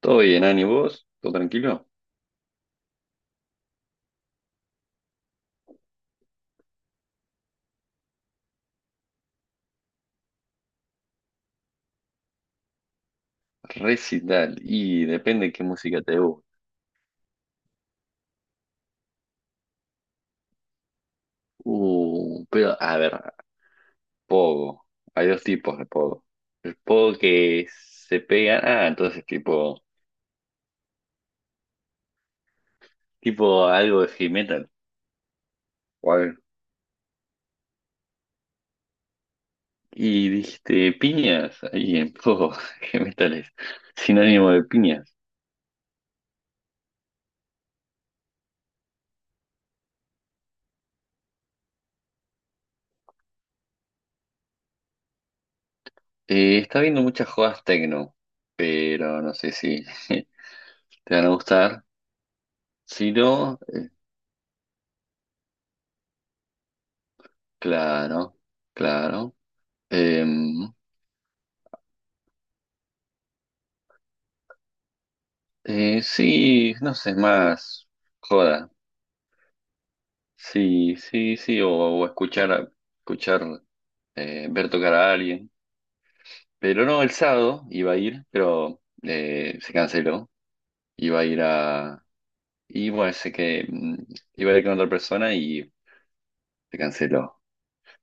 Todo bien, Ani, ¿vos? ¿Todo tranquilo? Recital, y depende qué música te guste. Pero a ver, pogo. Hay dos tipos de pogo. El pogo que se pega, ah, entonces tipo, algo de heavy metal, o algo. Y dijiste piñas, ahí en pogo, heavy metal es sinónimo de piñas. Está viendo muchas jodas techno, pero no sé si te van a gustar. Si no, claro, claro. Em, sí, no sé, más joda. Sí, sí, sí, o escuchar, escuchar, ver tocar a alguien. Pero no, el sábado iba a ir, pero se canceló. Iba a ir a. Y bueno, sé que iba a ir con otra persona y se canceló.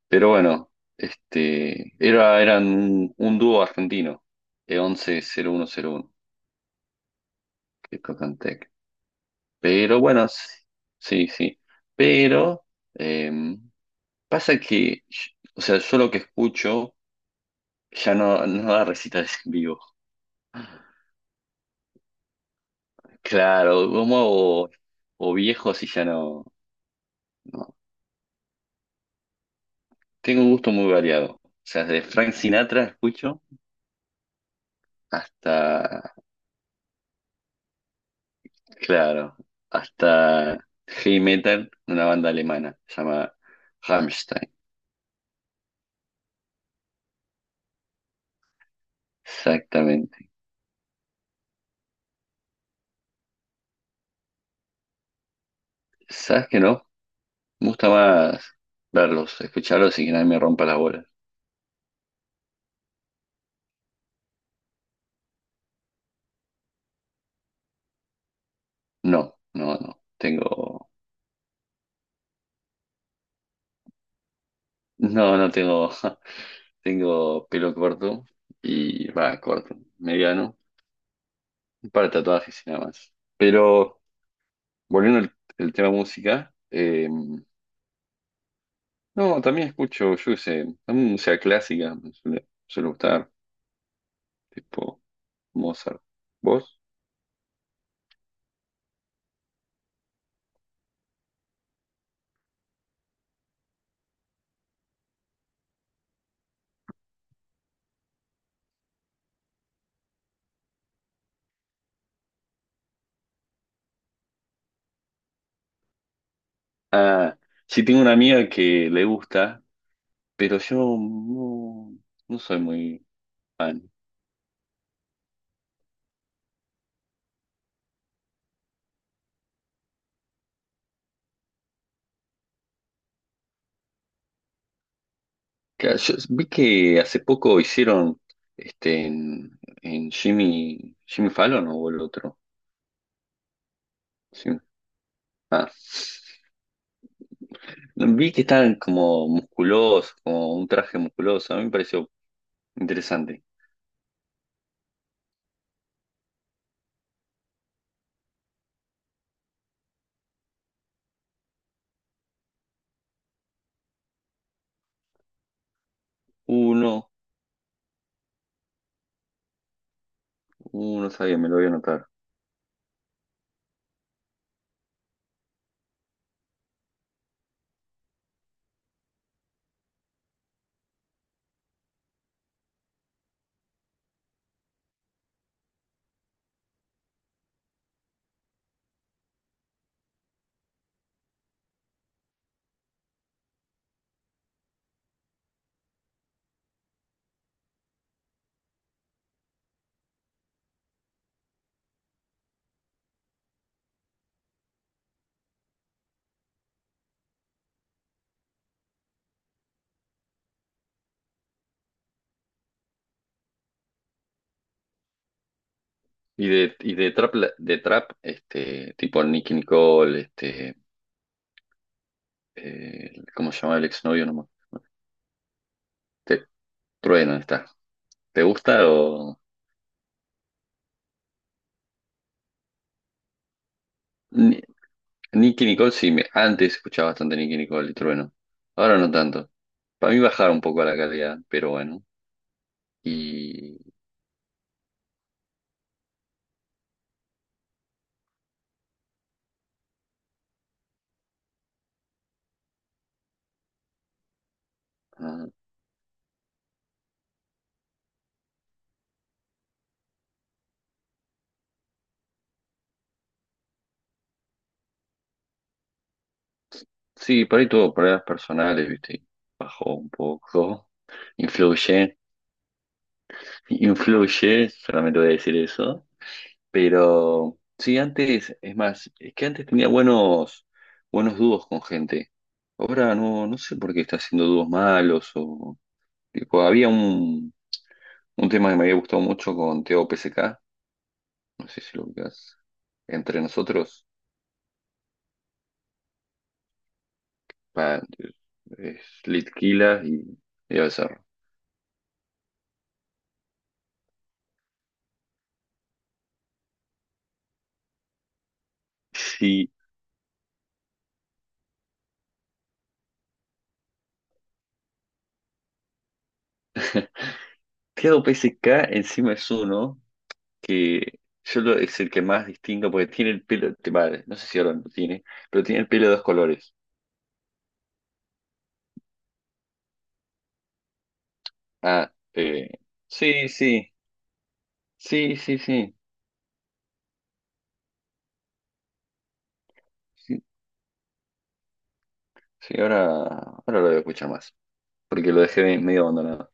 Pero bueno, este, era, eran un, dúo argentino, 10101 que tocan tech. Pero bueno, sí, sí, sí. Pero, em, pasa que, o sea, yo lo que escucho ya no, no da recitales en vivo. Claro, como o viejos y ya no, no. Tengo un gusto muy variado. O sea, desde Frank Sinatra escucho hasta, claro, hasta heavy metal, una banda alemana, se llama Rammstein. Exactamente. ¿Sabes qué no? Me gusta más verlos, escucharlos y que nadie me rompa las bolas. No, no, no. Tengo, no, no tengo. Tengo pelo corto y va, corto, mediano, un par de tatuajes y nada más. Pero volviendo al, tema música, no, también escucho, yo qué sé, también música clásica, me suele gustar, tipo Mozart. ¿Vos? Ah, sí, tengo una amiga que le gusta, pero yo no, no soy muy fan. Claro, yo vi que hace poco hicieron este en, Jimmy, Fallon, ¿no? O el otro. Si no Ah, vi que estaban como musculosos, como un traje musculoso. A mí me pareció interesante. Uno, sabía, me lo voy a anotar. Y de, trap, de trap, este, tipo Nicki Nicole, este, ¿cómo se llama el exnovio nomás? Este, Trueno está. ¿Te gusta o? Ni- Nicki Nicole sí, antes escuchaba bastante Nicki Nicole y Trueno. Ahora no tanto. Para mí bajaron un poco la calidad, pero bueno. Y, ah, sí, por ahí tuvo problemas personales, ¿viste? Y bajó un poco. Influye, influye, solamente voy a decir eso. Pero sí, antes, es más, es que antes tenía buenos, buenos dúos con gente. Ahora no, no sé por qué está haciendo dúos malos o. Tipo, había un, tema que me había gustado mucho con Teo PSK, no sé si lo ubicás. Entre nosotros, pa- es Litquila y, Becerra. Sí. Claro, PSK encima es uno que es el que más distingo porque tiene el pelo, vale, no sé si ahora lo tiene, pero tiene el pelo de dos colores. Ah, sí, sí, sí, sí, sí, sí, sí, ahora, lo voy a escuchar más, porque lo dejé medio abandonado.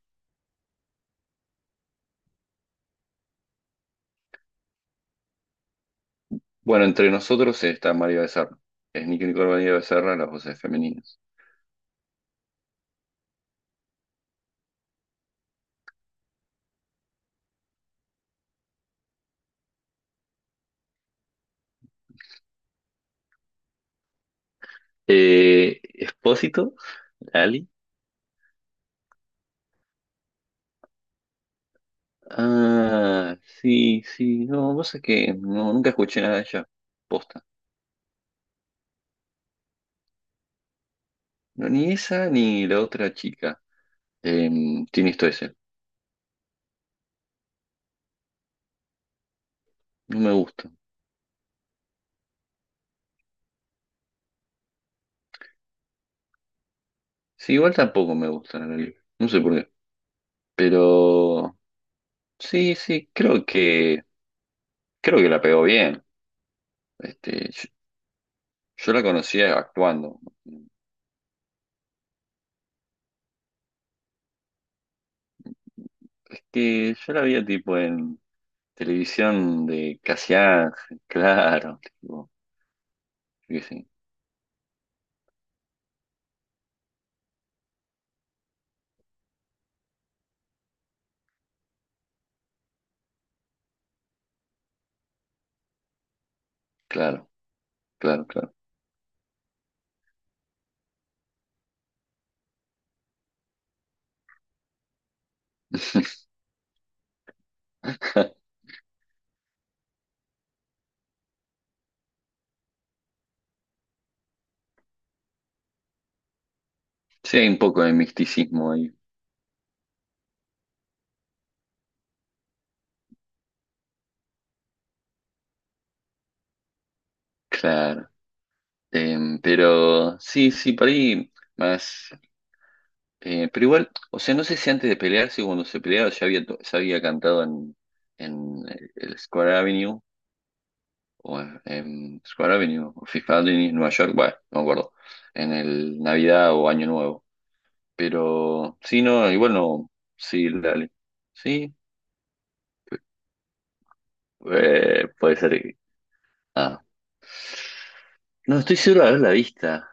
Bueno, entre nosotros está María Becerra, es Nicky Nicole María Becerra, las voces femeninas. Expósito, Ali. Ah, sí, sí, no, vos sabés que no, nunca escuché nada de ella. Posta. No, ni esa ni la otra chica tiene esto ese. No me gusta. Sí, igual tampoco me gusta la película. No sé por qué. Pero sí, sí, creo que la pegó bien. Este, yo, la conocía actuando. Es que yo la veía tipo en televisión de Casi Ángel, claro, tipo, yo qué sé, claro, claro, claro. Sí, hay un poco de misticismo ahí, claro. Pero sí, sí, por ahí más. Pero igual, o sea, no sé si antes de pelearse, cuando se peleaba, ya había, ya había cantado en, el Square Avenue, o en, Square Avenue, o Fifth Avenue, Nueva York, bueno, no me acuerdo, en el Navidad o Año Nuevo. Pero sí, no, igual no, sí, dale. Sí, puede ser. Ah, no, estoy seguro de haberla vista.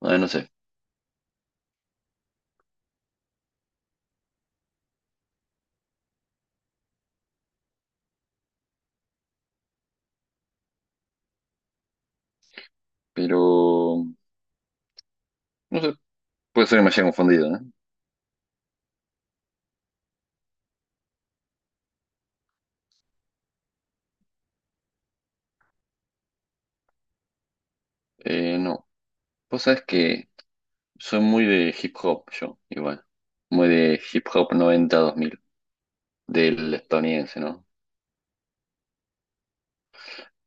Bueno, no sé, pero, no sé, puede ser que me haya confundido, ¿eh? No, vos sabés que. Soy muy de hip hop, yo, igual. Muy de hip hop noventa dos mil del estadounidense, ¿no?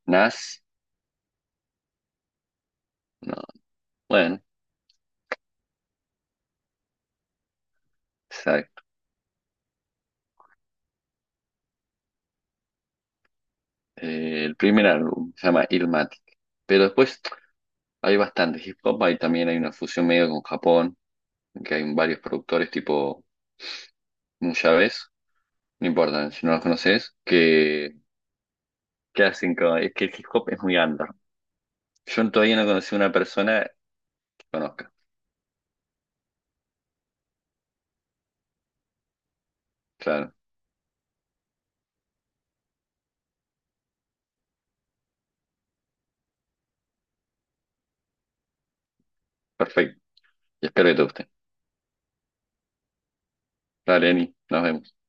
Nas, no. Bueno, exacto. El primer álbum se llama Illmatic. Pero después hay bastante hip hop, hay también hay una fusión medio con Japón, que hay varios productores tipo Nuyabes, no importa si no los conoces, que, hacen es que el hip hop es muy under. Yo todavía no conocí una persona que conozca. Claro, perfecto. Y espero que te guste. Dale, Eni, nos vemos.